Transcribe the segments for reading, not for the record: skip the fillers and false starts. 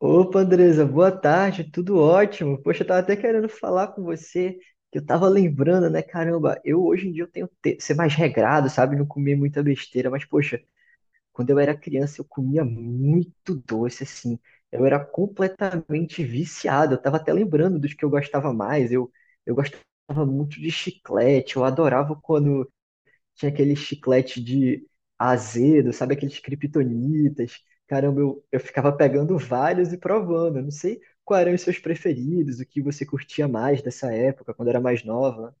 Opa, Andresa, boa tarde, tudo ótimo. Poxa, eu tava até querendo falar com você, que eu tava lembrando, né? Caramba, eu hoje em dia eu tenho que ser mais regrado, sabe? Não comer muita besteira, mas poxa, quando eu era criança eu comia muito doce, assim. Eu era completamente viciado. Eu tava até lembrando dos que eu gostava mais. Eu gostava muito de chiclete, eu adorava quando tinha aquele chiclete de azedo, sabe? Aqueles kryptonitas. Caramba, eu ficava pegando vários e provando. Eu não sei quais eram os seus preferidos, o que você curtia mais dessa época, quando era mais nova.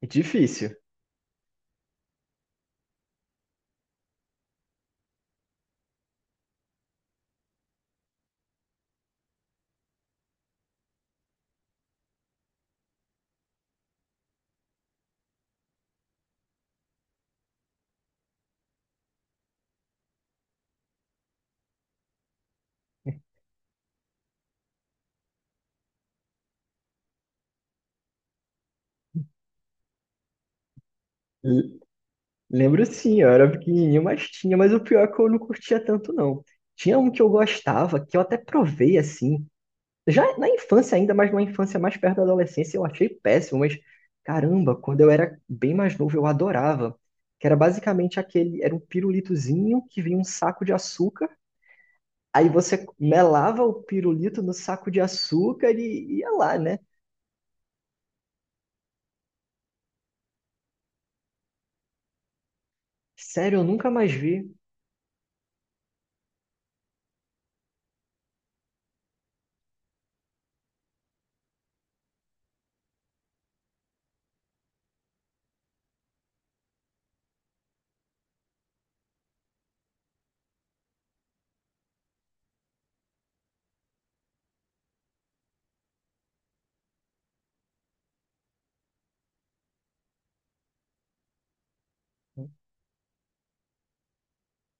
É difícil. L- Lembro sim, eu era pequenininho, mas tinha, mas o pior é que eu não curtia tanto, não. Tinha um que eu gostava, que eu até provei assim, já na infância ainda, mas numa infância mais perto da adolescência, eu achei péssimo, mas caramba, quando eu era bem mais novo, eu adorava. Que era basicamente aquele, era um pirulitozinho que vinha um saco de açúcar, aí você melava o pirulito no saco de açúcar e ia lá, né? Sério, eu nunca mais vi.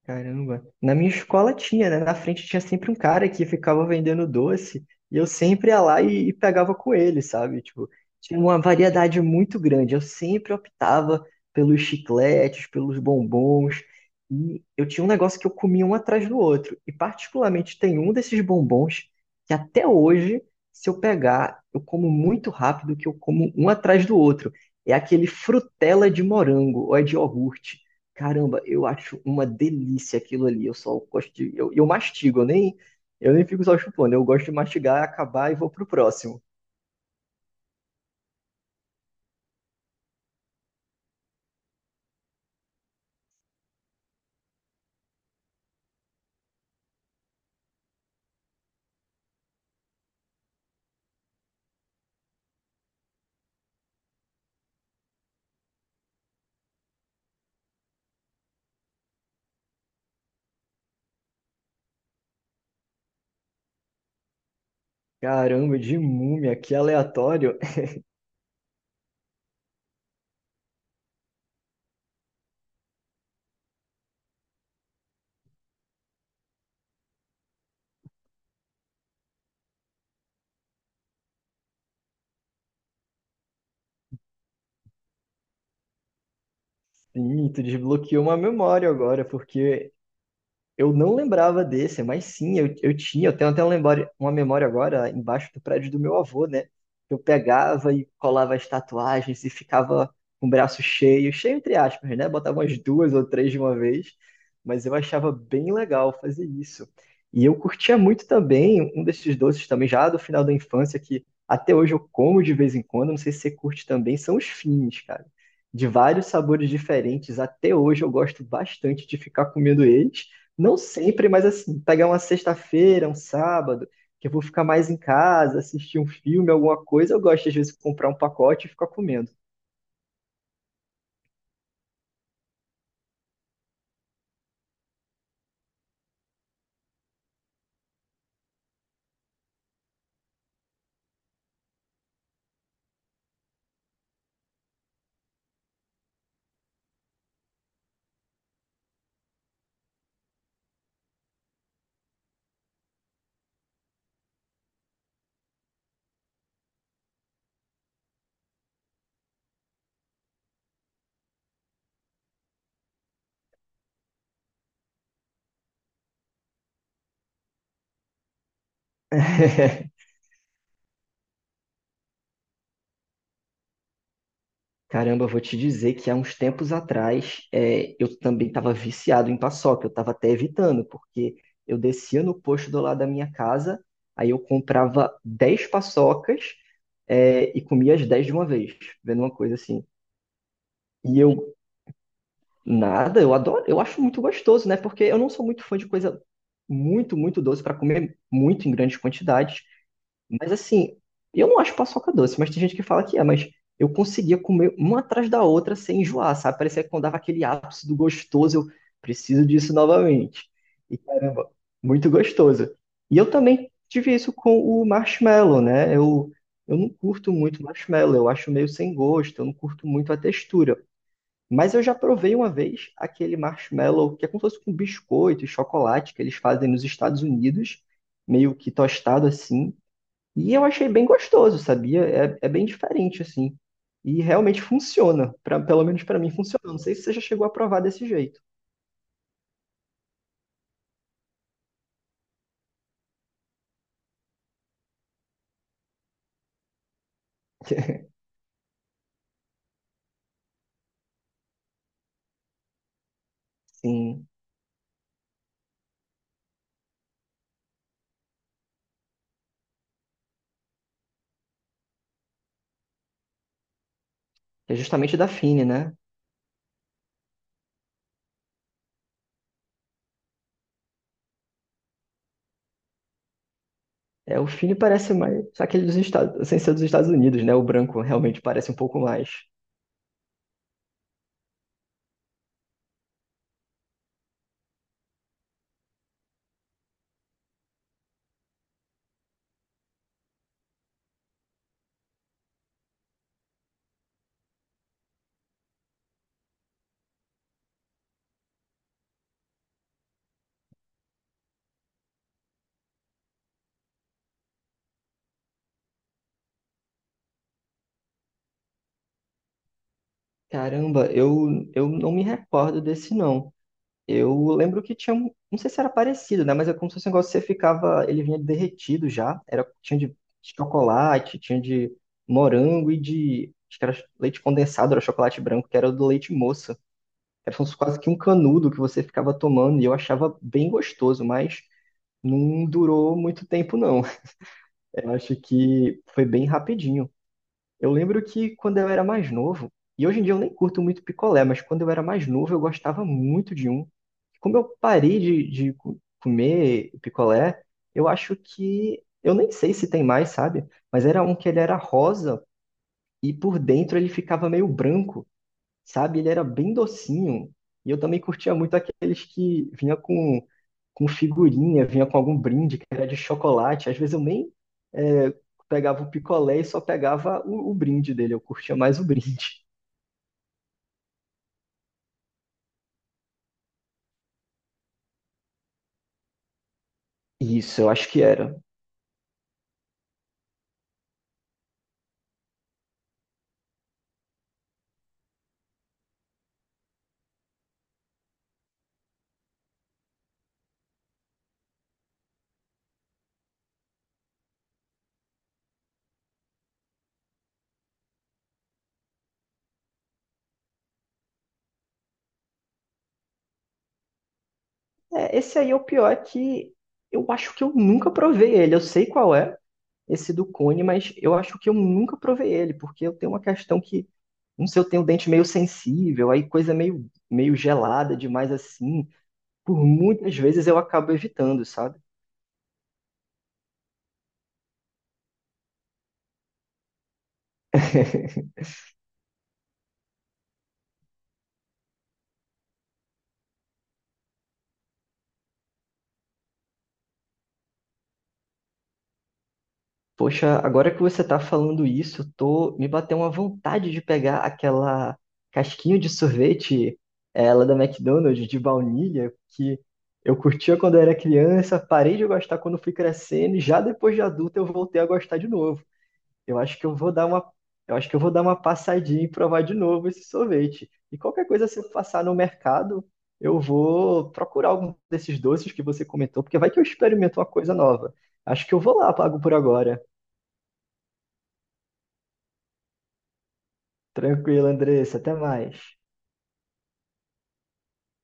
Caramba. Na minha escola tinha, né? Na frente tinha sempre um cara que ficava vendendo doce e eu sempre ia lá e pegava com ele, sabe? Tipo, tinha uma variedade muito grande. Eu sempre optava pelos chicletes, pelos bombons. E eu tinha um negócio que eu comia um atrás do outro. E particularmente tem um desses bombons que até hoje, se eu pegar, eu como muito rápido que eu como um atrás do outro. É aquele frutela de morango ou é de iogurte. Caramba, eu acho uma delícia aquilo ali. Eu só gosto de. Eu mastigo, eu nem fico só chupando. Eu gosto de mastigar, acabar e vou pro próximo. Caramba, de múmia, que aleatório. Sim, tu desbloqueou uma memória agora, porque eu não lembrava desse, mas sim, eu tinha. Eu tenho até uma memória agora embaixo do prédio do meu avô, né? Eu pegava e colava as tatuagens e ficava com o braço cheio, cheio entre aspas, né? Botava umas duas ou três de uma vez, mas eu achava bem legal fazer isso. E eu curtia muito também um desses doces também, já do final da infância, que até hoje eu como de vez em quando, não sei se você curte também, são os fins, cara. De vários sabores diferentes, até hoje eu gosto bastante de ficar comendo eles. Não sempre, mas assim, pegar uma sexta-feira, um sábado, que eu vou ficar mais em casa, assistir um filme, alguma coisa, eu gosto às vezes de comprar um pacote e ficar comendo. Caramba, eu vou te dizer que há uns tempos atrás eu também estava viciado em paçoca, eu estava até evitando, porque eu descia no posto do lado da minha casa, aí eu comprava 10 paçocas e comia as 10 de uma vez, vendo uma coisa assim. E eu Nada, eu adoro, eu acho muito gostoso, né? Porque eu não sou muito fã de coisa muito, muito doce para comer muito em grandes quantidades. Mas assim, eu não acho paçoca doce, mas tem gente que fala que é, mas eu conseguia comer uma atrás da outra sem enjoar, sabe? Parecia que quando dava aquele ápice do gostoso, eu preciso disso novamente. E caramba, muito gostoso. E eu também tive isso com o marshmallow, né? Eu não curto muito marshmallow, eu acho meio sem gosto, eu não curto muito a textura. Mas eu já provei uma vez aquele marshmallow, que é como se fosse com biscoito e chocolate que eles fazem nos Estados Unidos, meio que tostado assim. E eu achei bem gostoso, sabia? É, é bem diferente assim. E realmente funciona, pra, pelo menos pra mim funciona. Não sei se você já chegou a provar desse jeito. Sim, é justamente da Fine, né? É, o Fine parece mais aquele dos Estados, sem ser dos Estados Unidos, né? O branco realmente parece um pouco mais. Caramba, eu não me recordo desse não. Eu lembro que tinha um, não sei se era parecido, né? Mas é como se fosse um negócio que você ficava, ele vinha derretido já. Era, tinha de chocolate, tinha de morango e de, acho que era leite condensado, era chocolate branco, que era o do leite moça. Era como se fosse quase que um canudo que você ficava tomando e eu achava bem gostoso, mas não durou muito tempo, não. Eu acho que foi bem rapidinho. Eu lembro que quando eu era mais novo, e hoje em dia eu nem curto muito picolé, mas quando eu era mais novo eu gostava muito de um. Como eu parei de comer picolé, eu acho que. Eu nem sei se tem mais, sabe? Mas era um que ele era rosa e por dentro ele ficava meio branco, sabe? Ele era bem docinho. E eu também curtia muito aqueles que vinha com figurinha, vinha com algum brinde que era de chocolate. Às vezes eu nem é, pegava o picolé e só pegava o brinde dele. Eu curtia mais o brinde. Isso, eu acho que era. É, esse aí é o pior que eu acho que eu nunca provei ele. Eu sei qual é esse do cone, mas eu acho que eu nunca provei ele, porque eu tenho uma questão que, não sei, eu tenho o dente meio sensível, aí coisa meio, meio gelada demais assim. Por muitas vezes eu acabo evitando, sabe? Poxa, agora que você tá falando isso, eu tô, me bateu uma vontade de pegar aquela casquinha de sorvete, ela da McDonald's de baunilha, que eu curtia quando eu era criança, parei de gostar quando fui crescendo e já depois de adulto eu voltei a gostar de novo. Eu acho que eu vou dar uma, eu acho que eu vou dar uma passadinha e provar de novo esse sorvete. E qualquer coisa, se eu passar no mercado, eu vou procurar algum desses doces que você comentou, porque vai que eu experimento uma coisa nova. Acho que eu vou lá, pago por agora. Tranquilo, Andressa, até mais.